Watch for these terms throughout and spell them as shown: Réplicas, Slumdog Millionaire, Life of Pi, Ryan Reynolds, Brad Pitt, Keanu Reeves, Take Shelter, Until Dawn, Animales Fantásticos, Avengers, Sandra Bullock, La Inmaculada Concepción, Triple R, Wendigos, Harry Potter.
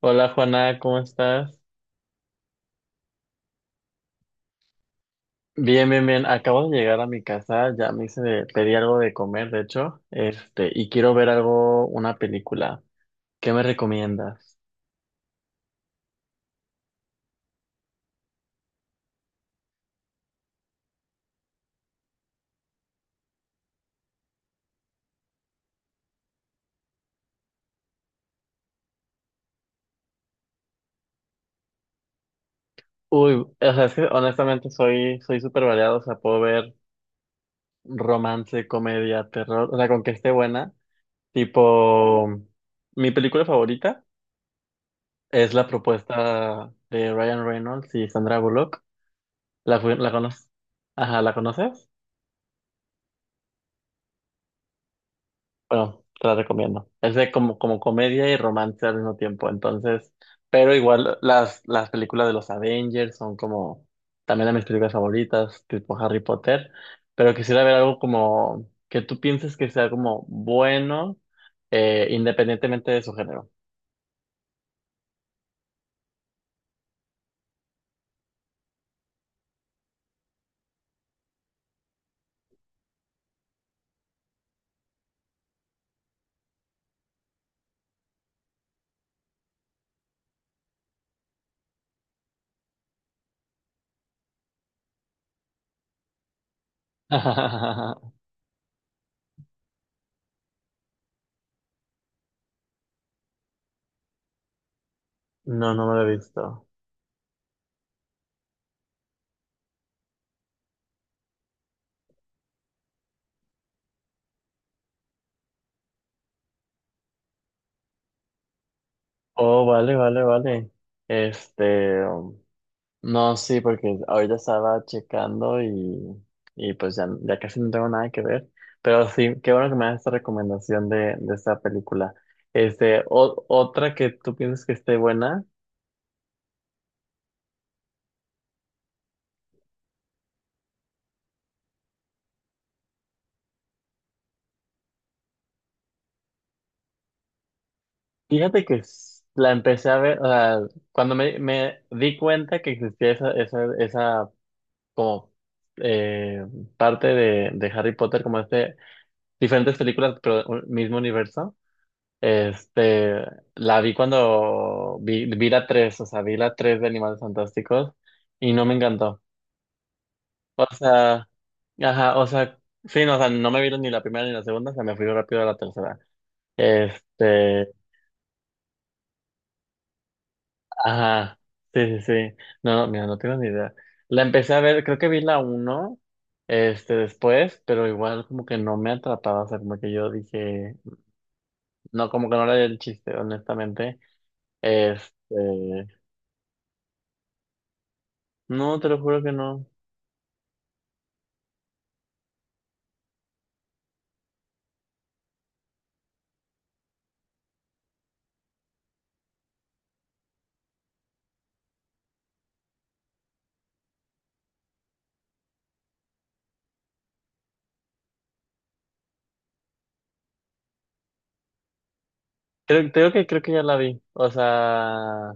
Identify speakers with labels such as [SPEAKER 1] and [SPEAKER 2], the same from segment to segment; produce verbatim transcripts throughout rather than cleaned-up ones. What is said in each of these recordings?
[SPEAKER 1] Hola Juana, ¿cómo estás? Bien, bien, bien. Acabo de llegar a mi casa, ya me hice de, pedí algo de comer, de hecho, este, y quiero ver algo, una película. ¿Qué me recomiendas? Uy, o sea, es que honestamente soy, soy súper variado, o sea, puedo ver romance, comedia, terror, o sea, con que esté buena. Tipo, mi película favorita es La propuesta de Ryan Reynolds y Sandra Bullock. ¿La, fu- la conoces? Ajá, ¿la conoces? Bueno, te la recomiendo. Es de como, como comedia y romance al mismo tiempo. Entonces, pero igual las, las películas de los Avengers son como también de mis películas favoritas, tipo Harry Potter. Pero quisiera ver algo como que tú pienses que sea como bueno, eh, independientemente de su género. No, no me lo he visto. Oh, vale, vale, vale. Este. um, No, sí, porque ahorita estaba checando y, y pues ya, ya casi no tengo nada que ver. Pero sí, qué bueno que me das esta recomendación de, de esta película. Este, o- otra que tú piensas que esté buena. Fíjate que s- la empecé a ver, o sea, cuando me, me di cuenta que existía esa, esa, esa como eh, parte de, de Harry Potter, como este, diferentes películas, pero un mismo universo. Este, la vi cuando vi, vi la tres o sea, vi la tres de Animales Fantásticos y no me encantó. O sea, ajá, o sea, sí, no, o sea, no me vieron ni la primera ni la segunda, o sea, me fui rápido a la tercera. Este, ajá, sí, sí, sí. No, no, mira, no tengo ni idea. La empecé a ver, creo que vi la uno este, después, pero igual como que no me atrapaba, o sea, como que yo dije, no, como que no era el chiste, honestamente. Este, no, te lo juro que no. Creo, creo que creo que ya la vi. O sea,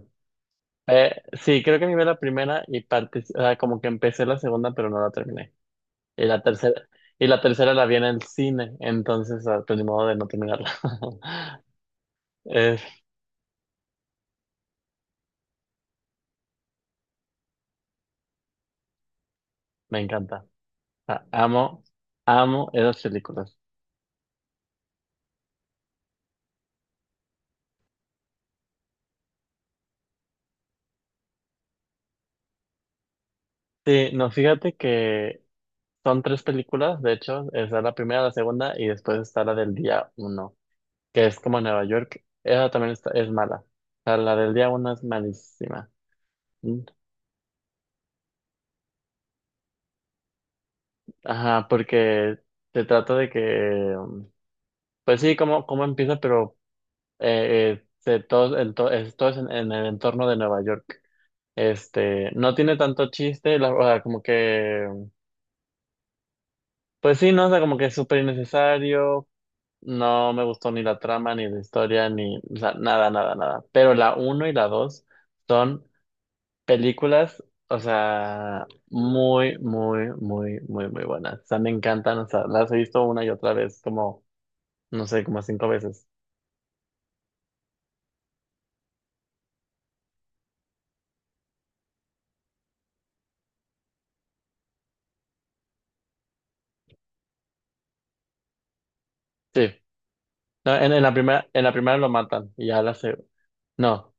[SPEAKER 1] eh, sí, creo que me vi la primera y parte, o sea, como que empecé la segunda, pero no la terminé. Y la tercera, y la tercera la vi en el cine, entonces ah, pues ni modo de no terminarla. Eh, me encanta. Ah, amo, amo esas películas. Sí, no, fíjate que son tres películas, de hecho, está la primera, la segunda y después está la del día uno, que es como en Nueva York. Esa también está, es mala. O sea, la del día uno es malísima. Mm. Ajá, porque se trata de que, um, pues sí, cómo, cómo empieza, pero eh, eh, se- todo, en to- es, todo es en, en el entorno de Nueva York. Este, no tiene tanto chiste, la, o sea, como que, pues sí, no, o sea, como que es súper innecesario. No me gustó ni la trama, ni la historia, ni, o sea, nada, nada, nada. Pero la uno y la dos son películas, o sea, muy, muy, muy, muy, muy buenas. O sea, me encantan, o sea, las he visto una y otra vez, como no sé, como cinco veces. Sí. No, en, en la primera, en la primera lo matan y ya la se... No.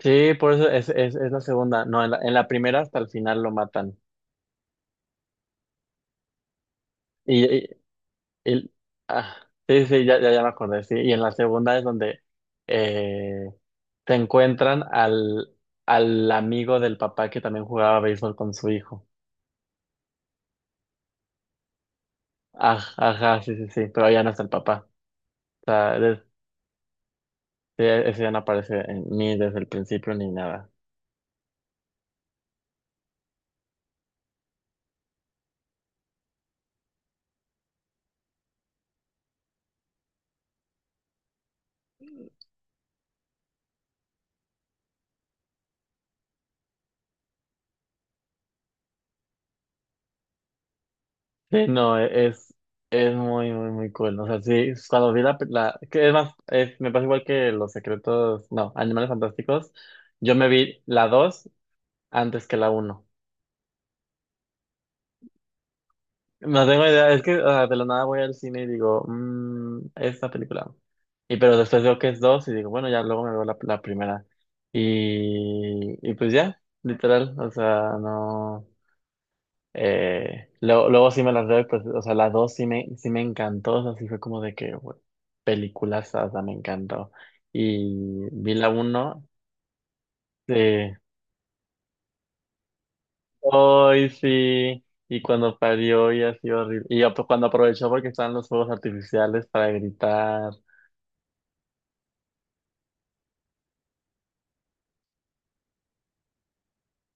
[SPEAKER 1] Sí, por eso es, es, es la segunda. No, en la, en la primera hasta el final lo matan. Y, y- y- ah, sí, sí, ya, ya, ya me acordé, sí. Y en la segunda es donde eh, se encuentran al, al amigo del papá que también jugaba béisbol con su hijo. Aj- Ajá, sí, sí, sí, pero ya no está el papá. O sea, des- sí, ese ya no aparece en, ni desde el principio ni nada. Sí, no, e- es, es muy, muy, muy cool. O sea, sí, cuando vi la, la que es más, es- me pasa igual que Los Secretos, no, Animales Fantásticos. Yo me vi la dos antes que la uno. No tengo idea, es que o sea, de la nada voy al cine y digo, mmm, esta película. Y pero después veo que es dos y digo, bueno, ya luego me veo la, la primera. Y, y pues ya, literal, o sea, no. Eh, luego, luego sí me las veo, pues, o sea, la dos sí me, sí me encantó, o sea, sí fue como de que, güey, películas, o sea, me encantó. Y vi la uno, sí, hoy sí, y cuando parió y así horrible. Y ap- cuando aprovechó porque estaban los fuegos artificiales para gritar,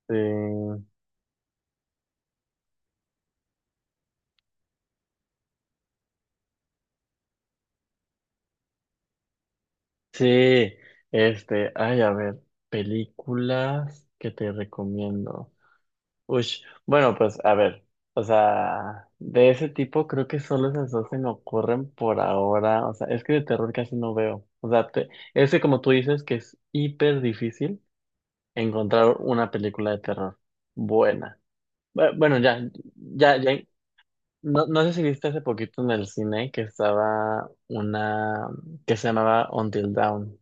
[SPEAKER 1] sí, sí, este, ay, a ver, películas que te recomiendo. Ush, bueno, pues a ver, o sea, de ese tipo creo que solo esas dos se me ocurren por ahora, o sea, es que de terror casi no veo, o sea, te- es que como tú dices que es hiper difícil encontrar una película de terror buena. Bu- Bueno, ya, ya, ya, no, no sé si viste hace poquito en el cine que estaba una que se llamaba Until Dawn.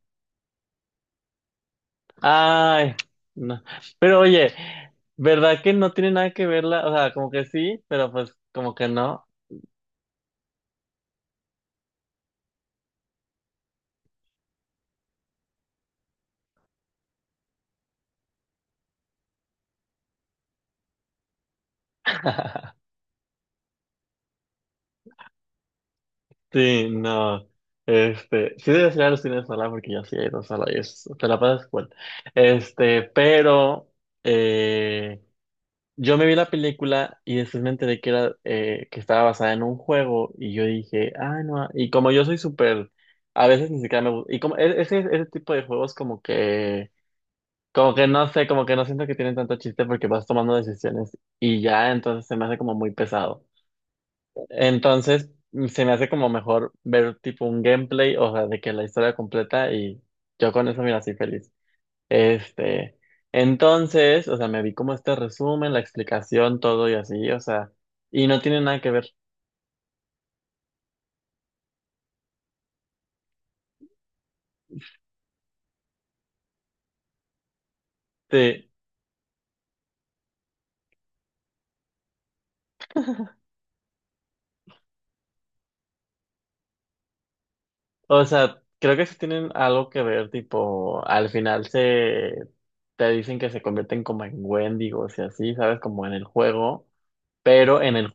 [SPEAKER 1] Ay, no. Pero oye, ¿verdad que no tiene nada que verla? O sea, como que sí, pero pues como que no. Sí, no. Este, sí debes ir a los cines sola porque yo sí he ido sola y es, te la pasas cool. Este, pero eh, yo me vi la película y después me enteré que era eh, que estaba basada en un juego y yo dije, ah, no. Y como yo soy súper, a veces ni siquiera me gusta. Y como e- ese, ese tipo de juegos como que como que no sé, como que no siento que tienen tanto chiste porque vas tomando decisiones y ya, entonces se me hace como muy pesado. Entonces se me hace como mejor ver tipo un gameplay, o sea, de que la historia completa y yo con eso, mira, así feliz. Este, entonces, o sea, me vi como este resumen, la explicación, todo y así, o sea, y no tiene nada que ver. Sí, o sea, creo que sí tienen algo que ver, tipo, al final se te dicen que se convierten como en Wendigos y así, ¿sabes? Como en el juego, pero en el,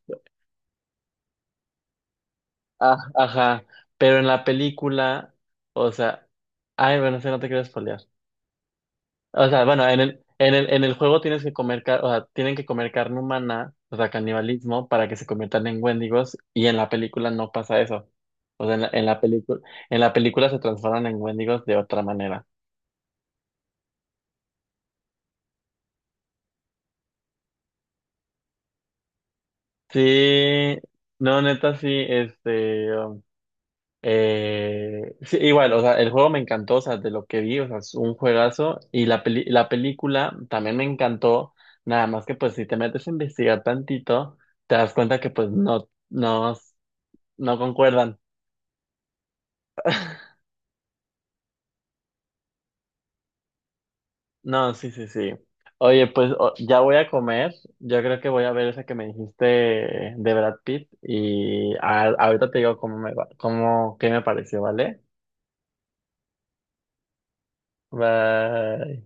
[SPEAKER 1] ah, ajá, pero en la película, o sea, ay, bueno, sé, no te quiero spoilear. O sea, bueno, en el, en el, en el juego tienes que comer, car- o sea, tienen que comer carne humana, o sea, canibalismo, para que se conviertan en Wendigos, y en la película no pasa eso. O sea, en la, en la película, en la película se transforman en Wendigos de otra manera. Sí, no, neta, sí, este, um, eh, sí, igual, o sea, el juego me encantó, o sea, de lo que vi, o sea, es un juegazo, y la peli- la película también me encantó, nada más que pues si te metes a investigar tantito, te das cuenta que pues no, no, no concuerdan. No, sí, sí, sí. Oye, pues o- ya voy a comer, yo creo que voy a ver esa que me dijiste de Brad Pitt, y a- ahorita te digo cómo me va, cómo, qué me pareció, ¿vale? Bye.